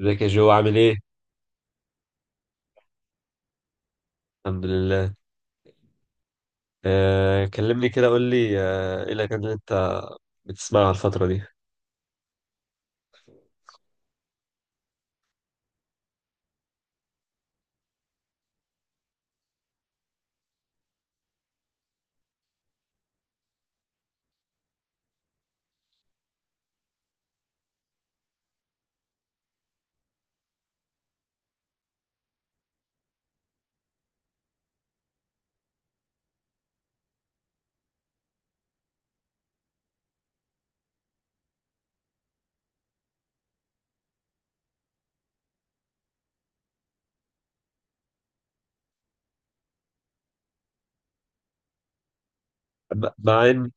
ازيك يا جو، عامل ايه؟ الحمد لله. كلمني كده، قول لي، ايه الاغاني اللي انت بتسمعها الفترة دي؟ ب- مع ان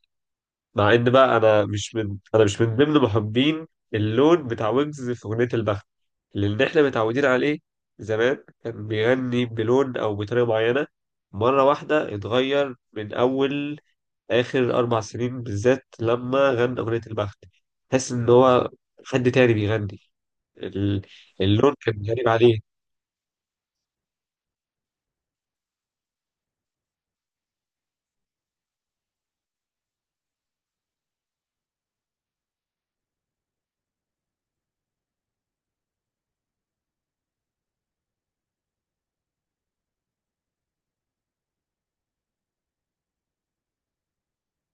مع ان بقى انا مش من ضمن محبين اللون بتاع ويجز في اغنية البخت، لان احنا متعودين عليه. زمان كان بيغني بلون او بطريقة معينة، مرة واحدة اتغير. من اول اخر اربع سنين بالذات لما غنى اغنية البخت تحس ان هو حد تاني بيغني. ال- اللون كان غريب عليه.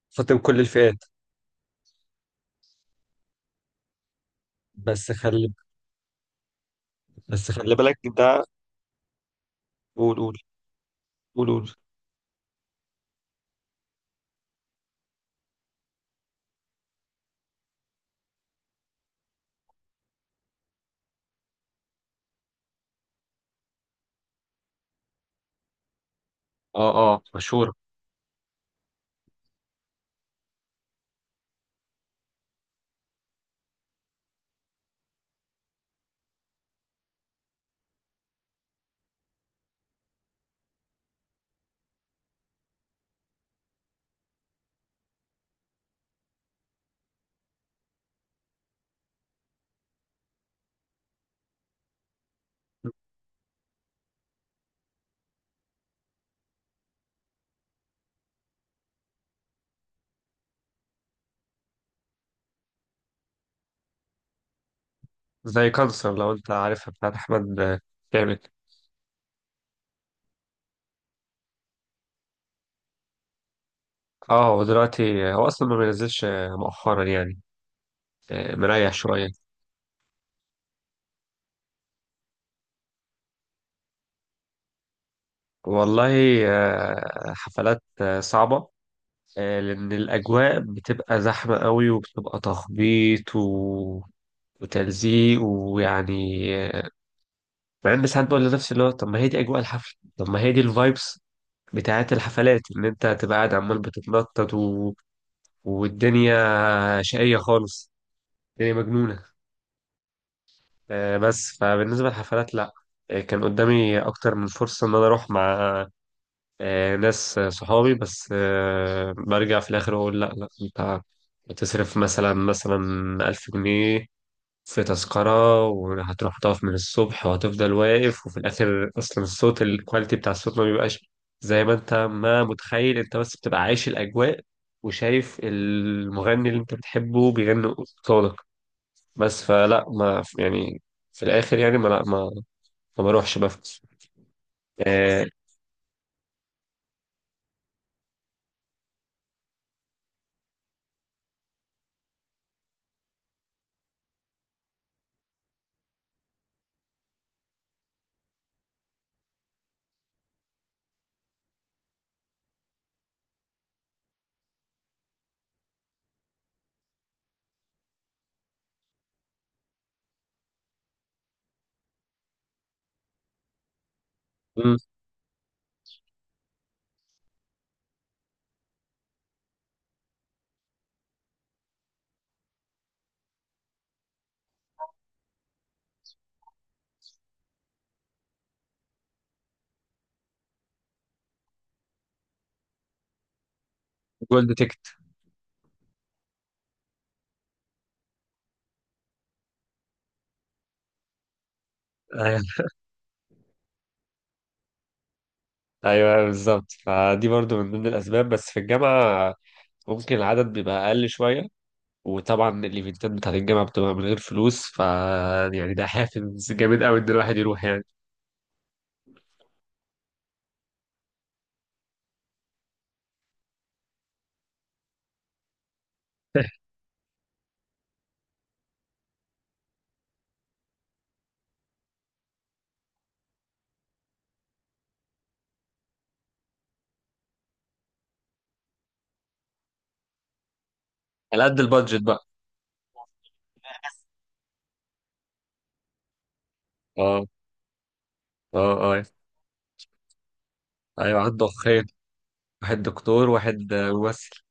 خاطب كل الفئات. بس خلي بس خلي بالك ده. قول، قول، قول، قول. اه، اه، مشهورة. زي كانسر لو انت عارفها، بتاعت احمد كامل. اه، هو دلوقتي هو اصلا ما بينزلش مؤخرا يعني. مريح شوية. والله، حفلات، صعبة. لأن الأجواء بتبقى زحمة قوي، وبتبقى تخبيط وتلزيق، ويعني. آه، مع إن ساعات بقول لنفسي اللي هو طب ما هي دي أجواء الحفل، طب ما هي دي الفايبس بتاعت الحفلات، ان انت هتبقى قاعد عمال بتتنطط والدنيا شقية خالص، الدنيا مجنونة. بس فبالنسبة للحفلات لا. كان قدامي اكتر من فرصة ان انا اروح مع ناس، صحابي، بس برجع في الاخر اقول لا لا، انت هتصرف مثلا 1000 جنيه في تذكرة، وهتروح تقف من الصبح وهتفضل واقف، وفي الآخر أصلا الصوت، الكواليتي بتاع الصوت ما بيبقاش زي ما أنت ما متخيل. أنت بس بتبقى عايش الأجواء وشايف المغني اللي أنت بتحبه بيغني قصادك. بس فلا، ما يعني، في الآخر يعني، ما لا ما ما بروحش بفكس. آه، مم، جولد تيكت. أيوه. أيوة، بالظبط. فدي برضو من ضمن الأسباب، بس في الجامعة ممكن العدد بيبقى أقل شوية، وطبعا الايفنتات بتاعت الجامعه بتبقى من غير فلوس، ف يعني ده حافز جامد قوي ان الواحد يروح يعني. على قد البادجت بقى. اه، اه، اه، ايوه عنده اخين، واحد دكتور واحد ممثل.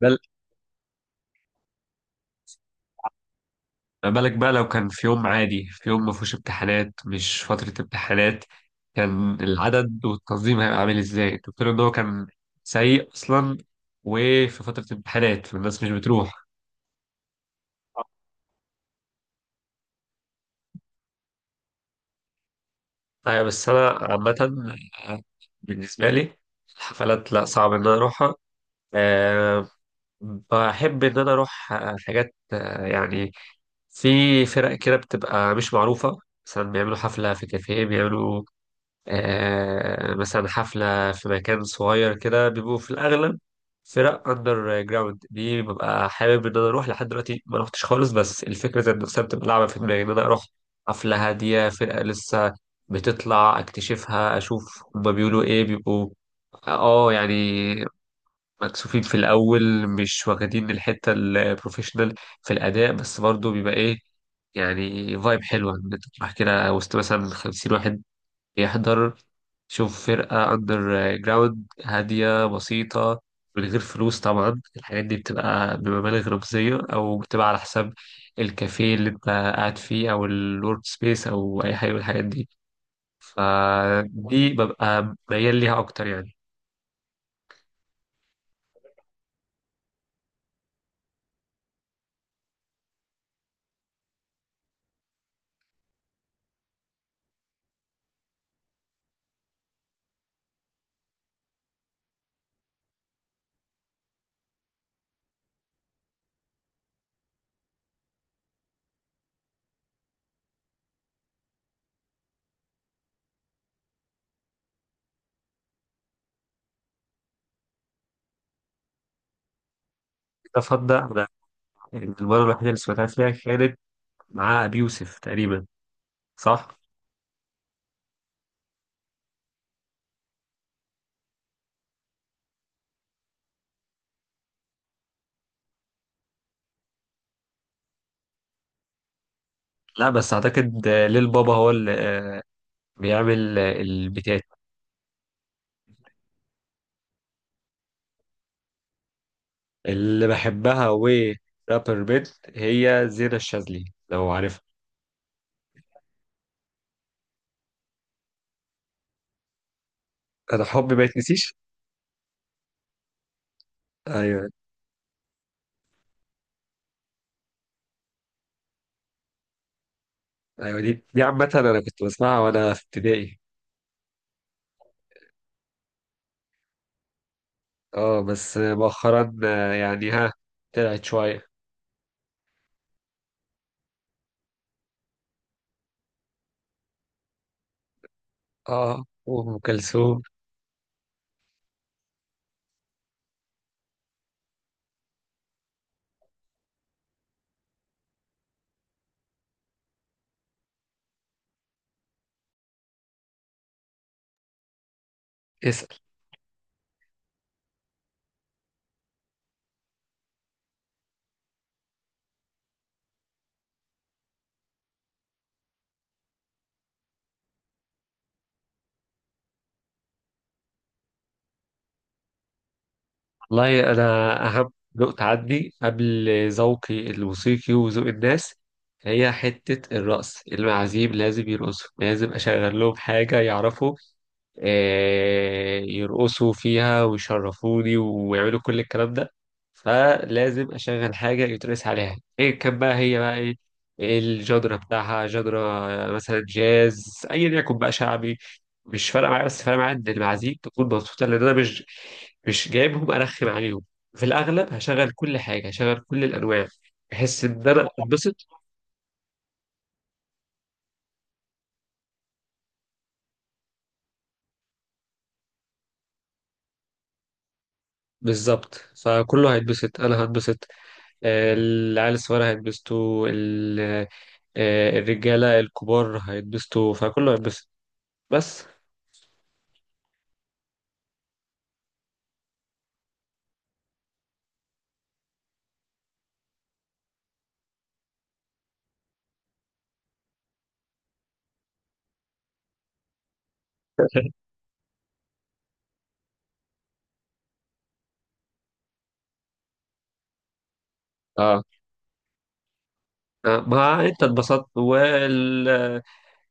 بل بالك بقى لو كان في يوم عادي، في يوم ما فيهوش امتحانات، مش فترة امتحانات، كان العدد والتنظيم هيبقى عامل ازاي؟ الدكتور ان هو كان سيء اصلا، وفي فترة امتحانات فالناس مش بتروح. أيوة، بس أنا عامة بالنسبة لي الحفلات لا، صعب إن أنا أروحها. أه، بحب إن أنا أروح حاجات، يعني في فرق كده بتبقى مش معروفة، مثلا بيعملوا حفلة في كافيه، بيعملوا مثلا حفلة في مكان صغير كده، بيبقوا في الأغلب فرق أندر جراوند. دي ببقى حابب إن أنا أروح، لحد دلوقتي ما روحتش خالص، بس الفكرة ذات نفسها بتبقى لعبة في دماغي إن أنا أروح حفلة هادية، فرقة لسه بتطلع أكتشفها، أشوف هما بيقولوا إيه، بيبقوا آه يعني مكسوفين في الأول، مش واخدين الحتة البروفيشنال في الأداء، بس برضه بيبقى إيه يعني، فايب حلوة إن أنت تروح كده وسط مثلا 50 واحد يحضر، شوف فرقة أندر جراوند هادية بسيطة من غير فلوس. طبعا الحاجات دي بتبقى بمبالغ رمزية، أو بتبقى على حساب الكافيه اللي أنت قاعد فيه، أو الورك سبيس، أو أي حاجة من الحاجات دي. فدي ببقى ميال ليها أكتر يعني. أفضل. أنا المرة الوحيدة اللي سمعتها فيها كانت مع أبي يوسف تقريبا، صح؟ لا، بس أعتقد ليل بابا هو اللي بيعمل البيتات اللي بحبها، و رابر بيت، هي زينة الشاذلي لو عارفها. انا حبي ما يتنسيش. ايوه. ايوه دي عامة انا كنت بسمعها وانا في ابتدائي. اه، بس مؤخرا يعني ها طلعت شوية. اه، وام كلثوم. والله أنا أهم ذوق عندي قبل ذوقي الموسيقي وذوق الناس، هي حتة الرقص، المعازيم لازم يرقصوا، لازم أشغل لهم حاجة يعرفوا يرقصوا فيها ويشرفوني ويعملوا كل الكلام ده. فلازم أشغل حاجة يترقص عليها، إيه كان بقى، هي بقى إيه، إيه الجدرة بتاعها، جدرة مثلا، جاز، أيا يكن بقى، شعبي، مش فارقه معايا، بس فارقه معايا ان المعازيم تكون مبسوطه، لان انا مش جايبهم ارخم عليهم. في الاغلب هشغل كل حاجه، هشغل كل الانواع، بحس ان انا اتبسط. بالظبط، فكله هيتبسط، انا هتبسط، العيال الصغيره هيتبسطوا، الرجاله الكبار هيتبسطوا، فكله هيتبسط بس. اه، ما انت اتبسطت وال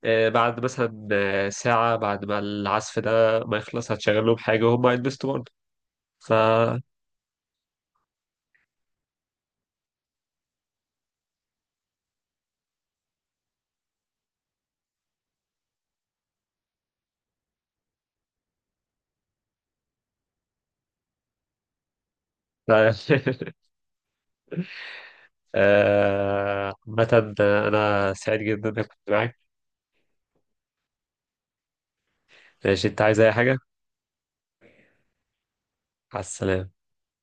بعد مثلا ساعة بعد ما العزف ده ما يخلص هتشغل لهم حاجة وهم هيتبسطوا برضه. ف لا. عامة أنا سعيد جدا إني كنت معاك. ماشي، أنت عايز أي حاجة؟ على السلامة.